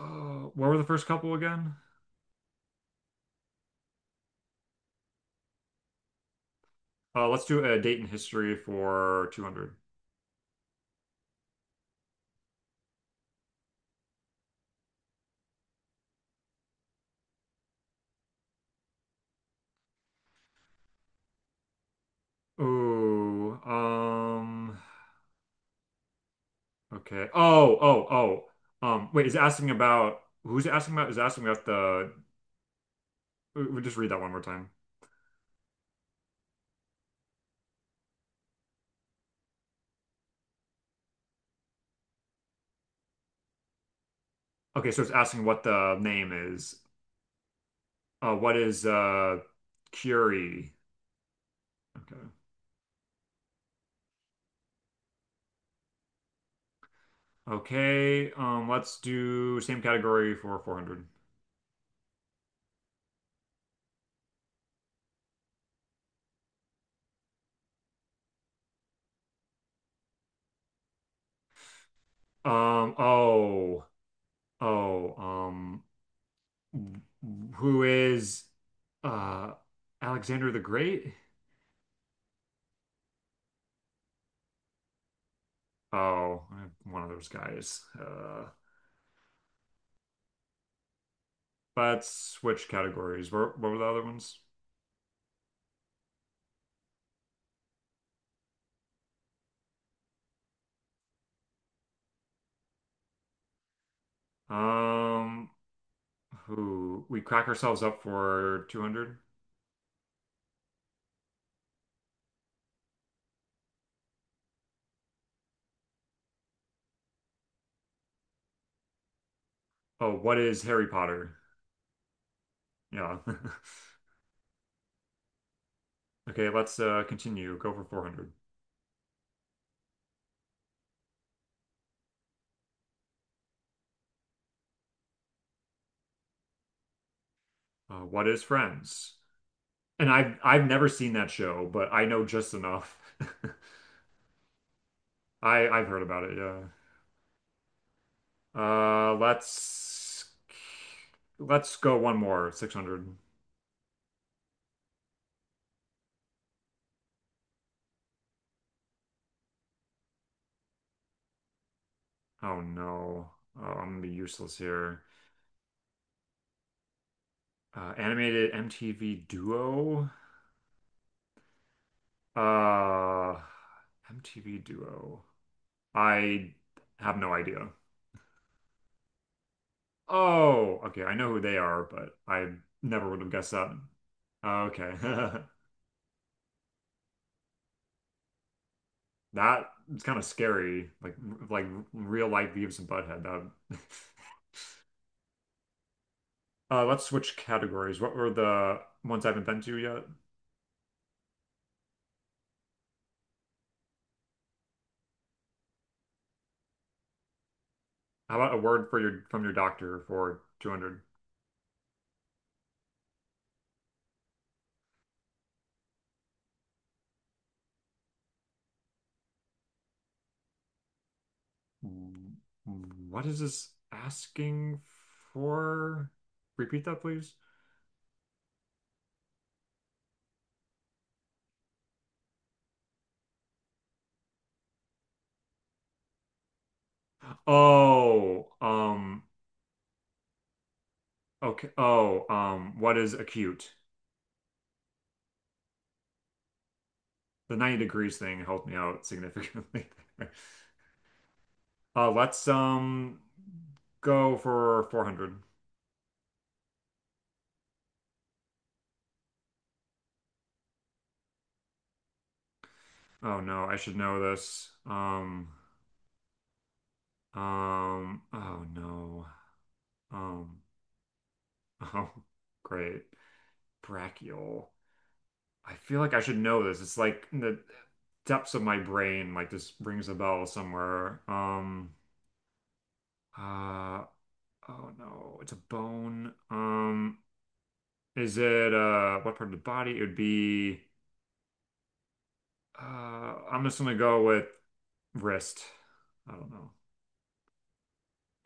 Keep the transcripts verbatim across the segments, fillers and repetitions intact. Oh, what were the first couple again? Uh, let's do a date in history for two hundred. Oh, um, okay. Oh, oh, oh. Um, wait, is it asking about who's it asking about? Is it asking about the We'll just read that one more time. Okay, so it's asking what the name is. Uh, what is uh Curie? Okay. Okay, um, let's do same category for four hundred. Um, oh, oh, um, who is uh Alexander the Great. Oh, I'm one of those guys. Uh, but switch categories. What, what were the other ones? Um, who, we crack ourselves up for two hundred? Oh, what is Harry Potter? Yeah. Okay, let's uh continue. Go for four hundred. Uh, what is Friends? And I've I've never seen that show, but I know just enough. I I've heard about it, yeah. Uh, let's let's go one more. six hundred. Oh no. Oh, I'm gonna be useless here. Uh, animated M T V duo. Uh, M T V duo. I have no idea. Oh, okay. I know who they are, but I never would have guessed that. Oh, okay. That is kind of scary. Like like real life Beavis and Butthead. That Uh, let's switch categories. What were the ones I haven't been to yet? How about a word for your from your doctor for two hundred? Mm, what is this asking for? Repeat that, please. Oh, um, okay. Oh, um, what is acute? The ninety degrees thing helped me out significantly. Uh, let's um go for four hundred. Oh no, I should know this. Um, um, oh no. Um, Oh, great. Brachial. I feel like I should know this. It's like in the depths of my brain, like this rings a bell somewhere. Um, uh, oh no, it's a bone. Um, is it uh what part of the body? It would be uh I'm just gonna go with wrist. I don't know.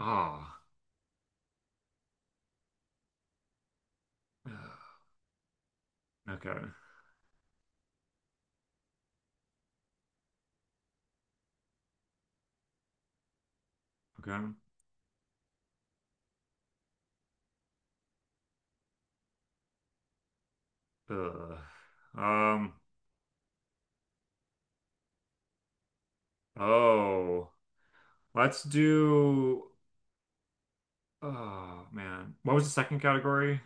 Ah. Okay. Okay. Ugh. Um, oh, let's do oh man. What was the second category?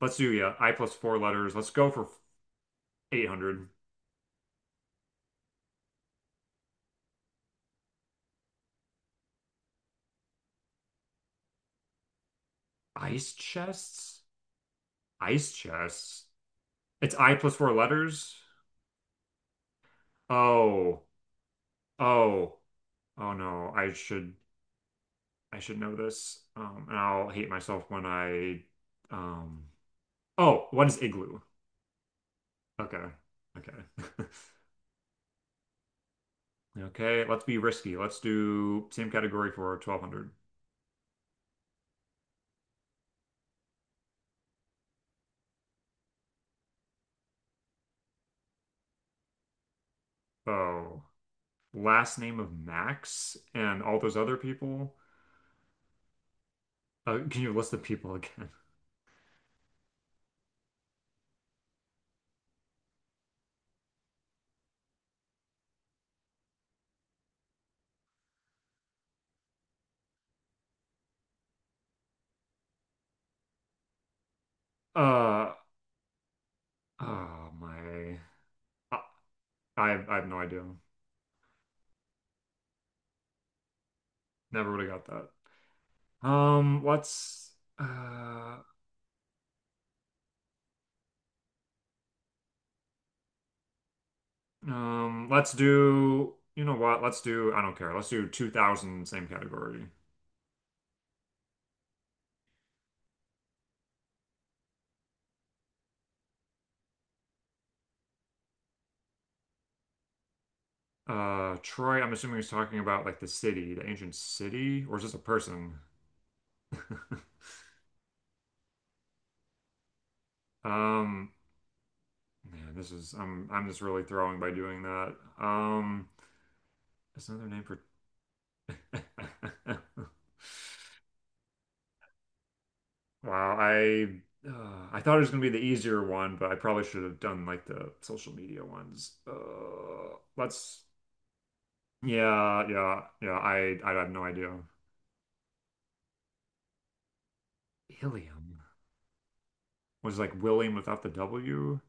Let's do yeah, I plus four letters. Let's go for eight hundred. Ice chests? Ice chests. It's I plus four letters. Oh. Oh. Oh no. I should I should know this. Um and I'll hate myself when I um oh, what is igloo? Okay. Okay. Okay, let's be risky. Let's do same category for twelve hundred. Oh. Last name of Max and all those other people. Uh, can you list the people again? Uh, oh my. I, I have no idea. Never would have got that. Um, let's uh um let's do you know what? Let's do I don't care. Let's do two thousand same category. Uh, Troy, I'm assuming he's talking about like the city, the ancient city, or is this a person? Um, Man, this is I'm I'm just really throwing by doing that. Um, that's another name for Wow, I uh, I thought it was gonna be the easier one, but I probably should have done like the social media ones. Uh, let's yeah, yeah, yeah. I I have no idea. Ilium was like William without the W.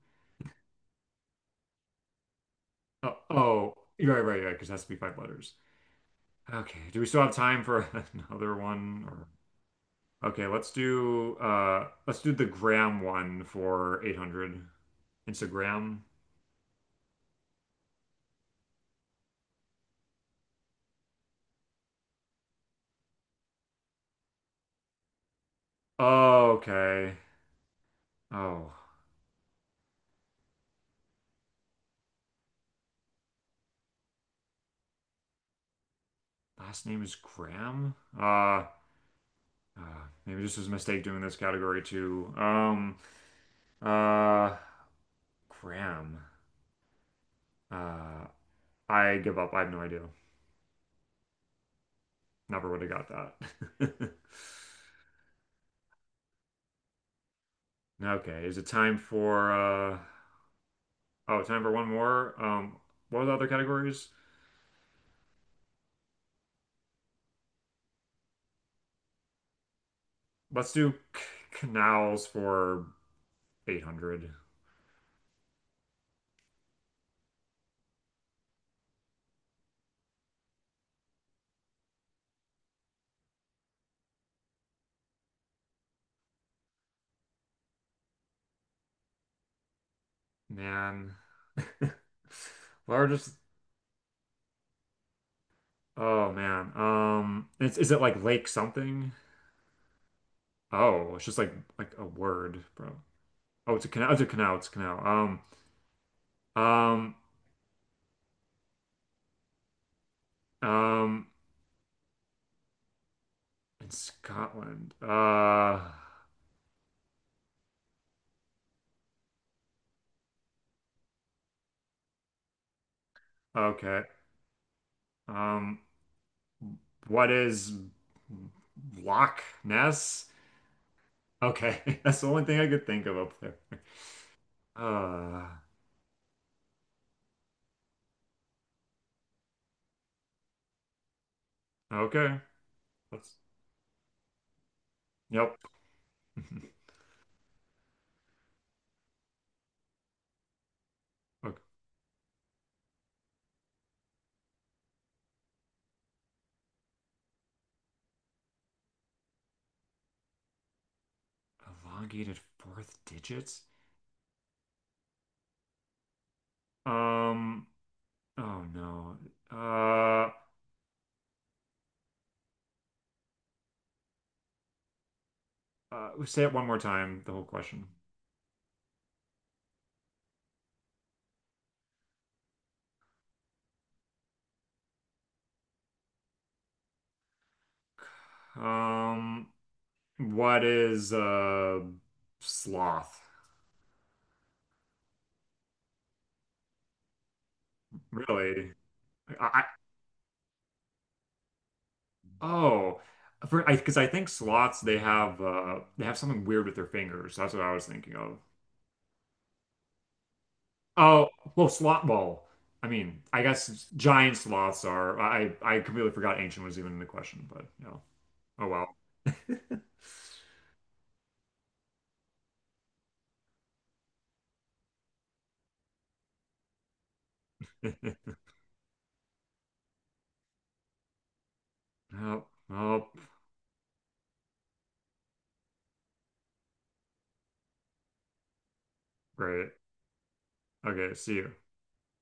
Uh, oh, you're right, right, right. Because it has to be five letters. Okay. Do we still have time for another one? Or okay, let's do uh let's do the gram one for eight hundred Instagram. Oh, okay. Oh. Last name is Graham. Uh, uh Maybe this is a mistake doing this category too. Um, uh, Graham. Uh, I give up. I have no idea. Never would have got that. Okay, is it time for uh oh, time for one more? Um, what are the other categories? Let's do c canals for eight hundred. Man. Largest oh man. Um, it's, is it like lake something? Oh, it's just like like a word, bro. Oh, it's a canal. It's a canal. It's a canal. Um, um, um, in Scotland. Uh, okay. Um, what is Loch Ness? Okay, that's the only thing I could think of up there. Uh, okay. That's yep. Okay. Elongated fourth digits. Um. Oh no. Uh. Uh. Say it one more time. The whole question. Um, what is uh sloth? Really? I, I Oh, for I because I think sloths they have uh they have something weird with their fingers. That's what I was thinking of. Oh, well, sloth. Well, I mean, I guess giant sloths are. I I completely forgot ancient was even in the question, but no. Oh well. Oh, oh, great. Okay, see you.